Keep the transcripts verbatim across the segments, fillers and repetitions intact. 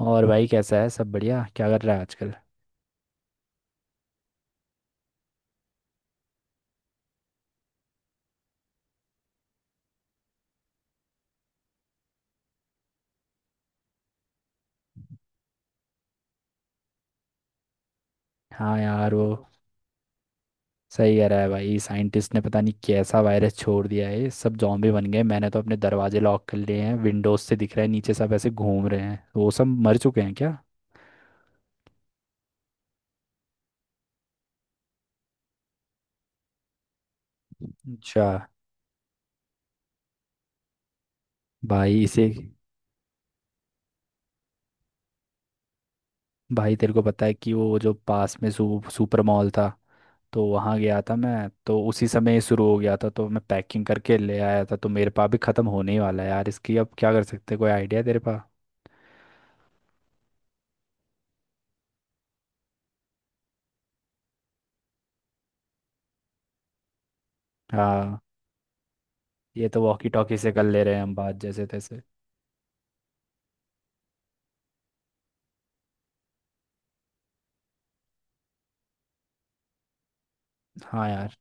और भाई कैसा है? सब बढ़िया? क्या कर रहा है आजकल? हाँ यार, वो सही कह रहा है भाई। साइंटिस्ट ने पता नहीं कैसा वायरस छोड़ दिया है, सब जॉम्बी बन गए। मैंने तो अपने दरवाजे लॉक कर लिए हैं। विंडोज से दिख रहा है, नीचे सब ऐसे घूम रहे हैं। वो सब मर चुके हैं क्या? अच्छा। भाई इसे, भाई तेरे को पता है कि वो जो पास में सू, सुपर मॉल था, तो वहाँ गया था मैं। तो उसी समय ये शुरू हो गया था, तो मैं पैकिंग करके ले आया था। तो मेरे पास भी ख़त्म होने ही वाला है यार, इसकी अब क्या कर सकते हैं? कोई आइडिया तेरे पास? हाँ, ये तो वॉकी टॉकी से कर ले रहे हैं हम बात जैसे तैसे। हाँ यार।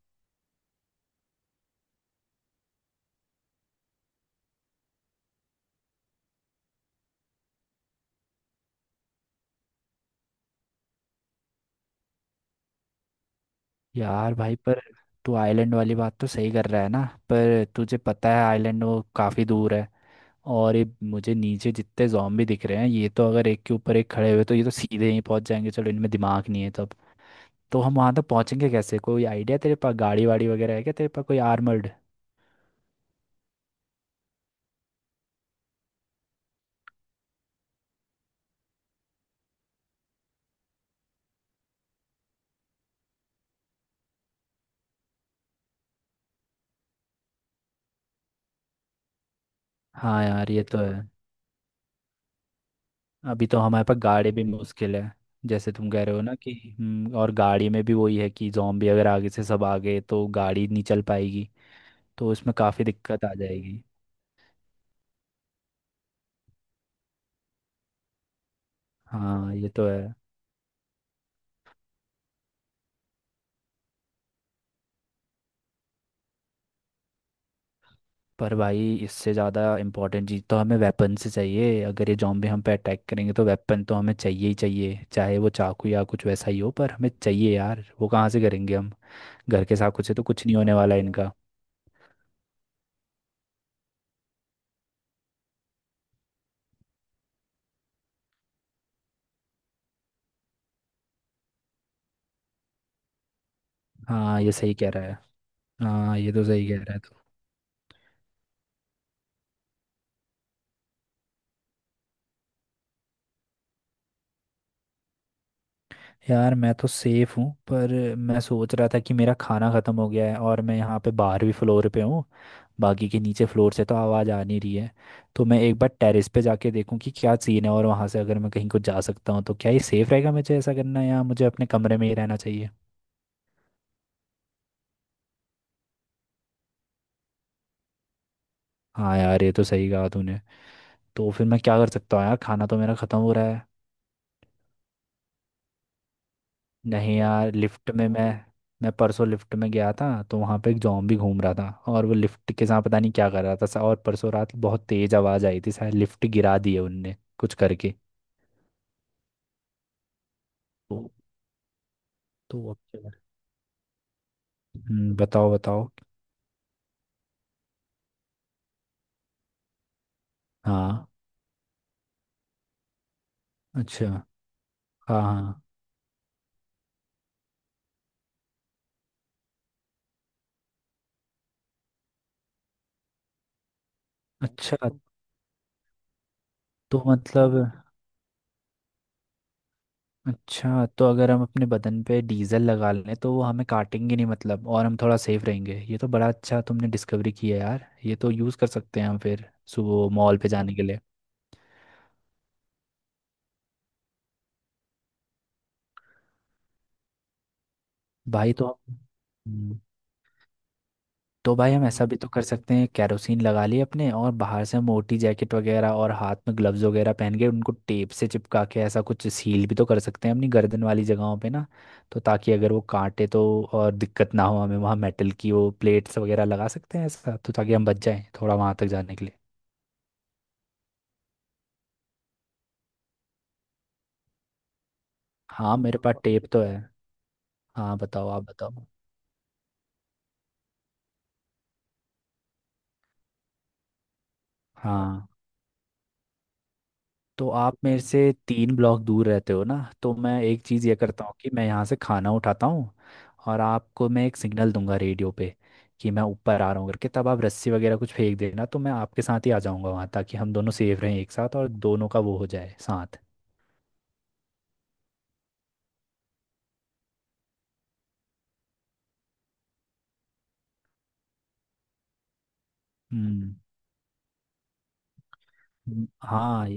यार भाई, पर तू आइलैंड वाली बात तो सही कर रहा है ना? पर तुझे पता है आइलैंड वो काफ़ी दूर है। और ये मुझे नीचे जितने जॉम्बी दिख रहे हैं, ये तो अगर एक के ऊपर एक खड़े हुए तो ये तो सीधे ही पहुंच जाएंगे। चलो इनमें दिमाग नहीं है, तब तो। हम वहां तक पहुंचेंगे कैसे? कोई आइडिया तेरे पास? गाड़ी वाड़ी वगैरह है क्या तेरे पास, कोई आर्मर्ड? हाँ यार ये तो है। अभी तो हमारे पास गाड़ी भी मुश्किल है। जैसे तुम कह रहे हो ना कि हम्म, और गाड़ी में भी वही है कि जॉम्बी अगर आगे से सब आ गए तो गाड़ी नहीं चल पाएगी। तो इसमें काफ़ी दिक्कत आ जाएगी। हाँ ये तो है। पर भाई इससे ज़्यादा इम्पोर्टेंट चीज़ तो हमें वेपन से चाहिए। अगर ये जॉम्बी हम पे अटैक करेंगे तो वेपन तो हमें चाहिए ही चाहिए, चाहे वो चाकू या कुछ वैसा ही हो, पर हमें चाहिए यार। वो कहाँ से करेंगे हम? घर के चाकू से तो कुछ नहीं होने वाला है इनका। हाँ ये सही कह रहा है। हाँ ये तो सही कह रहा है तो। यार मैं तो सेफ हूँ, पर मैं सोच रहा था कि मेरा खाना ख़त्म हो गया है और मैं यहाँ पे बारहवीं फ्लोर पे हूँ। बाकी के नीचे फ्लोर से तो आवाज़ आ नहीं रही है। तो मैं एक बार टेरेस पे जाके देखूँ कि क्या सीन है, और वहाँ से अगर मैं कहीं को जा सकता हूँ तो क्या ये सेफ़ रहेगा? मुझे ऐसा करना या मुझे अपने कमरे में ही रहना चाहिए? हाँ यार ये तो सही कहा तूने। तो फिर मैं क्या कर सकता हूँ यार, खाना तो मेरा ख़त्म हो रहा है। नहीं यार, लिफ्ट में मैं मैं परसों लिफ्ट में गया था तो वहाँ पे एक जॉम्बी घूम रहा था, और वो लिफ्ट के साथ पता नहीं क्या कर रहा था। और परसों रात बहुत तेज आवाज़ आई थी, शायद लिफ्ट गिरा दी है उनने कुछ करके। तो तो अब क्या करें? हम्म, बताओ बताओ। हाँ। अच्छा। हाँ हाँ। अच्छा तो मतलब, अच्छा तो अगर हम अपने बदन पे डीजल लगा लें तो वो हमें काटेंगे नहीं मतलब, और हम थोड़ा सेफ रहेंगे। ये तो बड़ा अच्छा तुमने डिस्कवरी किया यार। ये तो यूज़ कर सकते हैं हम फिर सुबह मॉल पे जाने के लिए। भाई तो हम्म, तो भाई, हम ऐसा भी तो कर सकते हैं, कैरोसिन लगा लिए अपने और बाहर से मोटी जैकेट वगैरह, और हाथ में ग्लव्स वगैरह पहन के उनको टेप से चिपका के ऐसा कुछ सील भी तो कर सकते हैं अपनी गर्दन वाली जगहों पे ना, तो ताकि अगर वो काटे तो और दिक्कत ना हो हमें। वहाँ मेटल की वो प्लेट्स वगैरह लगा सकते हैं ऐसा, तो ताकि हम बच जाएं थोड़ा वहाँ तक जाने के लिए। हाँ मेरे पास टेप तो है। हाँ बताओ, आप बताओ। हाँ। तो आप मेरे से तीन ब्लॉक दूर रहते हो ना, तो मैं एक चीज़ ये करता हूँ कि मैं यहाँ से खाना उठाता हूँ, और आपको मैं एक सिग्नल दूंगा रेडियो पे कि मैं ऊपर आ रहा हूँ करके, तब आप रस्सी वगैरह कुछ फेंक देना तो मैं आपके साथ ही आ जाऊँगा वहाँ, ताकि हम दोनों सेफ रहें एक साथ और दोनों का वो हो जाए साथ। हम्म। हम्म, हाँ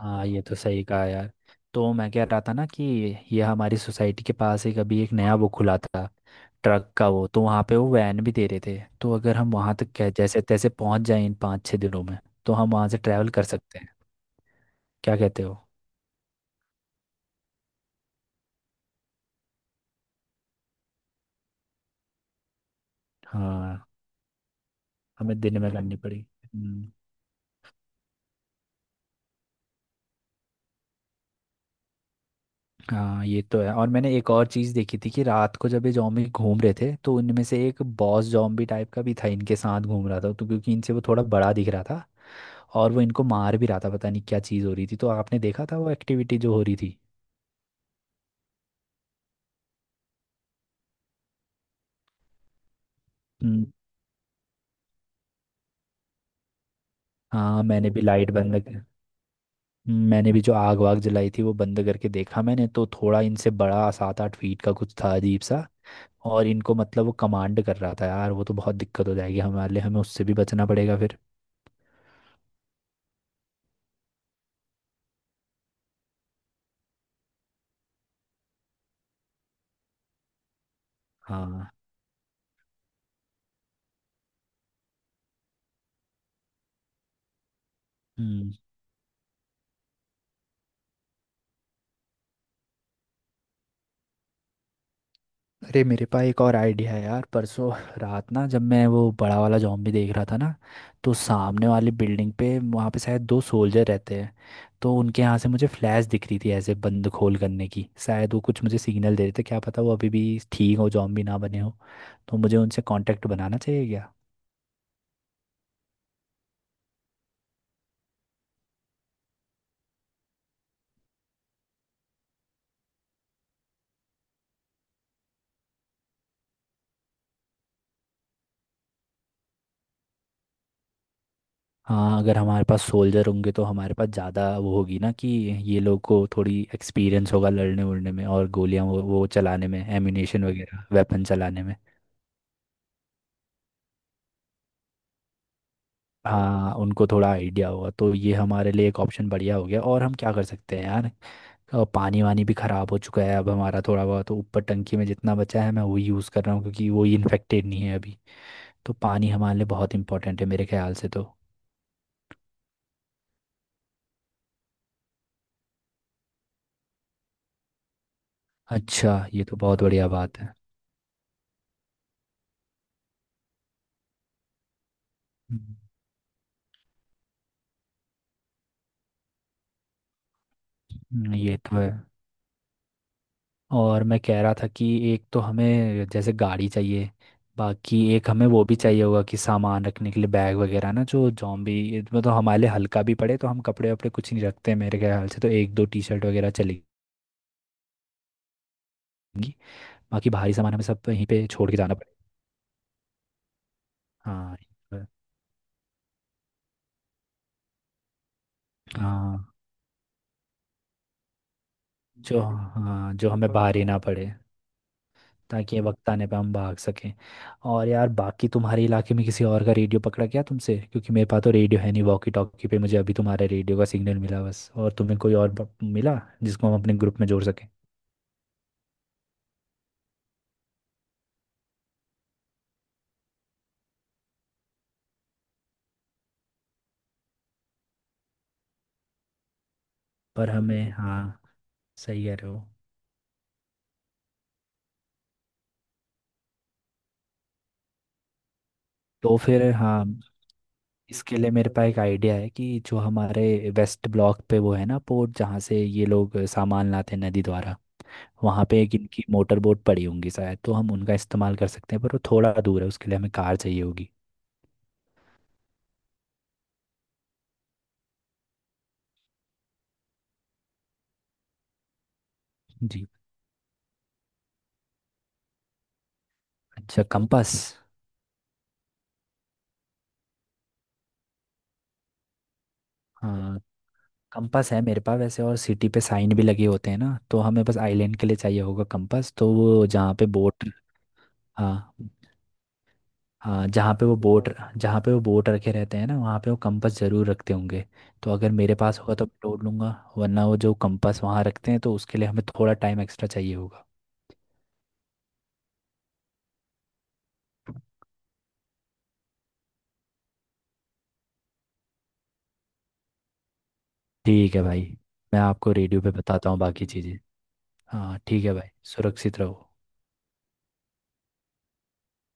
हाँ ये तो सही कहा यार। तो मैं कह रहा था ना कि ये हमारी सोसाइटी के पास एक, अभी एक नया वो खुला था ट्रक का, वो तो वहाँ पे वो वैन भी दे रहे थे। तो अगर हम वहाँ तक कै- जैसे तैसे पहुँच जाए इन पाँच छः दिनों में, तो हम वहाँ से ट्रैवल कर सकते हैं। क्या कहते हो? हाँ। हमें दिन में करनी पड़ी। हम्म, हाँ ये तो है। और मैंने एक और चीज़ देखी थी कि रात को जब ये जॉम्बी घूम रहे थे तो उनमें से एक बॉस जॉम्बी टाइप का भी था, इनके साथ घूम रहा था, तो क्योंकि इनसे वो थोड़ा बड़ा दिख रहा था, और वो इनको मार भी रहा था। पता नहीं क्या चीज़ हो रही थी, तो आपने देखा था वो एक्टिविटी जो हो रही थी? हम्म, हाँ मैंने भी लाइट बंद कर- हम्म, मैंने भी जो आग वाग जलाई थी वो बंद करके देखा। मैंने तो थोड़ा इनसे बड़ा सात आठ फीट का कुछ था अजीब सा, और इनको मतलब वो कमांड कर रहा था यार। वो तो बहुत दिक्कत हो जाएगी हमारे लिए, हमें उससे भी बचना पड़ेगा फिर। हाँ। हम्म। अरे मेरे पास एक और आइडिया है यार। परसों रात ना, जब मैं वो बड़ा वाला जॉम्बी देख रहा था ना, तो सामने वाली बिल्डिंग पे वहाँ पे शायद दो सोल्जर रहते हैं। तो उनके यहाँ से मुझे फ्लैश दिख रही थी ऐसे बंद खोल करने की। शायद वो कुछ मुझे सिग्नल दे रहे थे, क्या पता वो अभी भी ठीक हो, जॉम्बी ना बने हो। तो मुझे उनसे कांटेक्ट बनाना चाहिए क्या? हाँ अगर हमारे पास सोल्जर होंगे तो हमारे पास ज़्यादा वो होगी ना, कि ये लोग को थोड़ी एक्सपीरियंस होगा लड़ने उड़ने में, और गोलियाँ वो वो चलाने में, एम्यूनेशन वगैरह वेपन चलाने में। हाँ उनको थोड़ा आइडिया होगा तो ये हमारे लिए एक ऑप्शन बढ़िया हो गया। और हम क्या कर सकते हैं यार, अ, पानी वानी भी ख़राब हो चुका है अब हमारा। थोड़ा बहुत तो ऊपर टंकी में जितना बचा है मैं वही यूज़ कर रहा हूँ, क्योंकि वही इन्फेक्टेड नहीं है अभी। तो पानी हमारे लिए बहुत इंपॉर्टेंट है मेरे ख्याल से तो। अच्छा ये तो बहुत बढ़िया बात है। हम्म, ये तो है। और मैं कह रहा था कि एक तो हमें जैसे गाड़ी चाहिए, बाकी एक हमें वो भी चाहिए होगा कि सामान रखने के लिए बैग वगैरह ना, जो जॉम्बी मतलब हमारे लिए हल्का भी पड़े। तो हम कपड़े वपड़े कुछ नहीं रखते मेरे ख्याल से, तो एक दो टी शर्ट वगैरह चलेगी। बाकी भारी सामान हमें सब यहीं पे छोड़ के जाना पड़ेगा। हाँ। हाँ। जो हाँ जो हमें भारी ना पड़े, ताकि ये वक्त आने पे हम भाग सकें। और यार बाकी तुम्हारे इलाके में किसी और का रेडियो पकड़ा क्या तुमसे? क्योंकि मेरे पास तो रेडियो है नहीं, वॉकी टॉकी पे मुझे अभी तुम्हारे रेडियो का सिग्नल मिला बस। और तुम्हें कोई और ब- मिला जिसको हम अपने ग्रुप में जोड़ सकें? पर हमें हाँ, सही कह रहे हो। तो फिर हाँ, इसके लिए मेरे पास एक आइडिया है कि जो हमारे वेस्ट ब्लॉक पे वो है ना पोर्ट, जहाँ से ये लोग सामान लाते हैं नदी द्वारा, वहाँ पे एक इनकी मोटर बोट पड़ी होंगी शायद, तो हम उनका इस्तेमाल कर सकते हैं। पर वो थोड़ा दूर है, उसके लिए हमें कार चाहिए होगी। जी। अच्छा, कंपास। हाँ कंपास है मेरे पास वैसे, और सिटी पे साइन भी लगे होते हैं ना, तो हमें बस आइलैंड के लिए चाहिए होगा कंपास। तो वो जहाँ पे बोट, हाँ। हाँ जहाँ पे वो बोट, जहाँ पे वो बोट रखे रहते हैं ना वहाँ पे वो कंपास ज़रूर रखते होंगे। तो अगर मेरे पास होगा तो मैं ढूंढ लूँगा। वरना वो जो कंपास वहाँ रखते हैं तो उसके लिए हमें थोड़ा टाइम एक्स्ट्रा चाहिए होगा। ठीक है भाई, मैं आपको रेडियो पे बताता हूँ बाकी चीज़ें। हाँ ठीक है भाई, सुरक्षित रहो।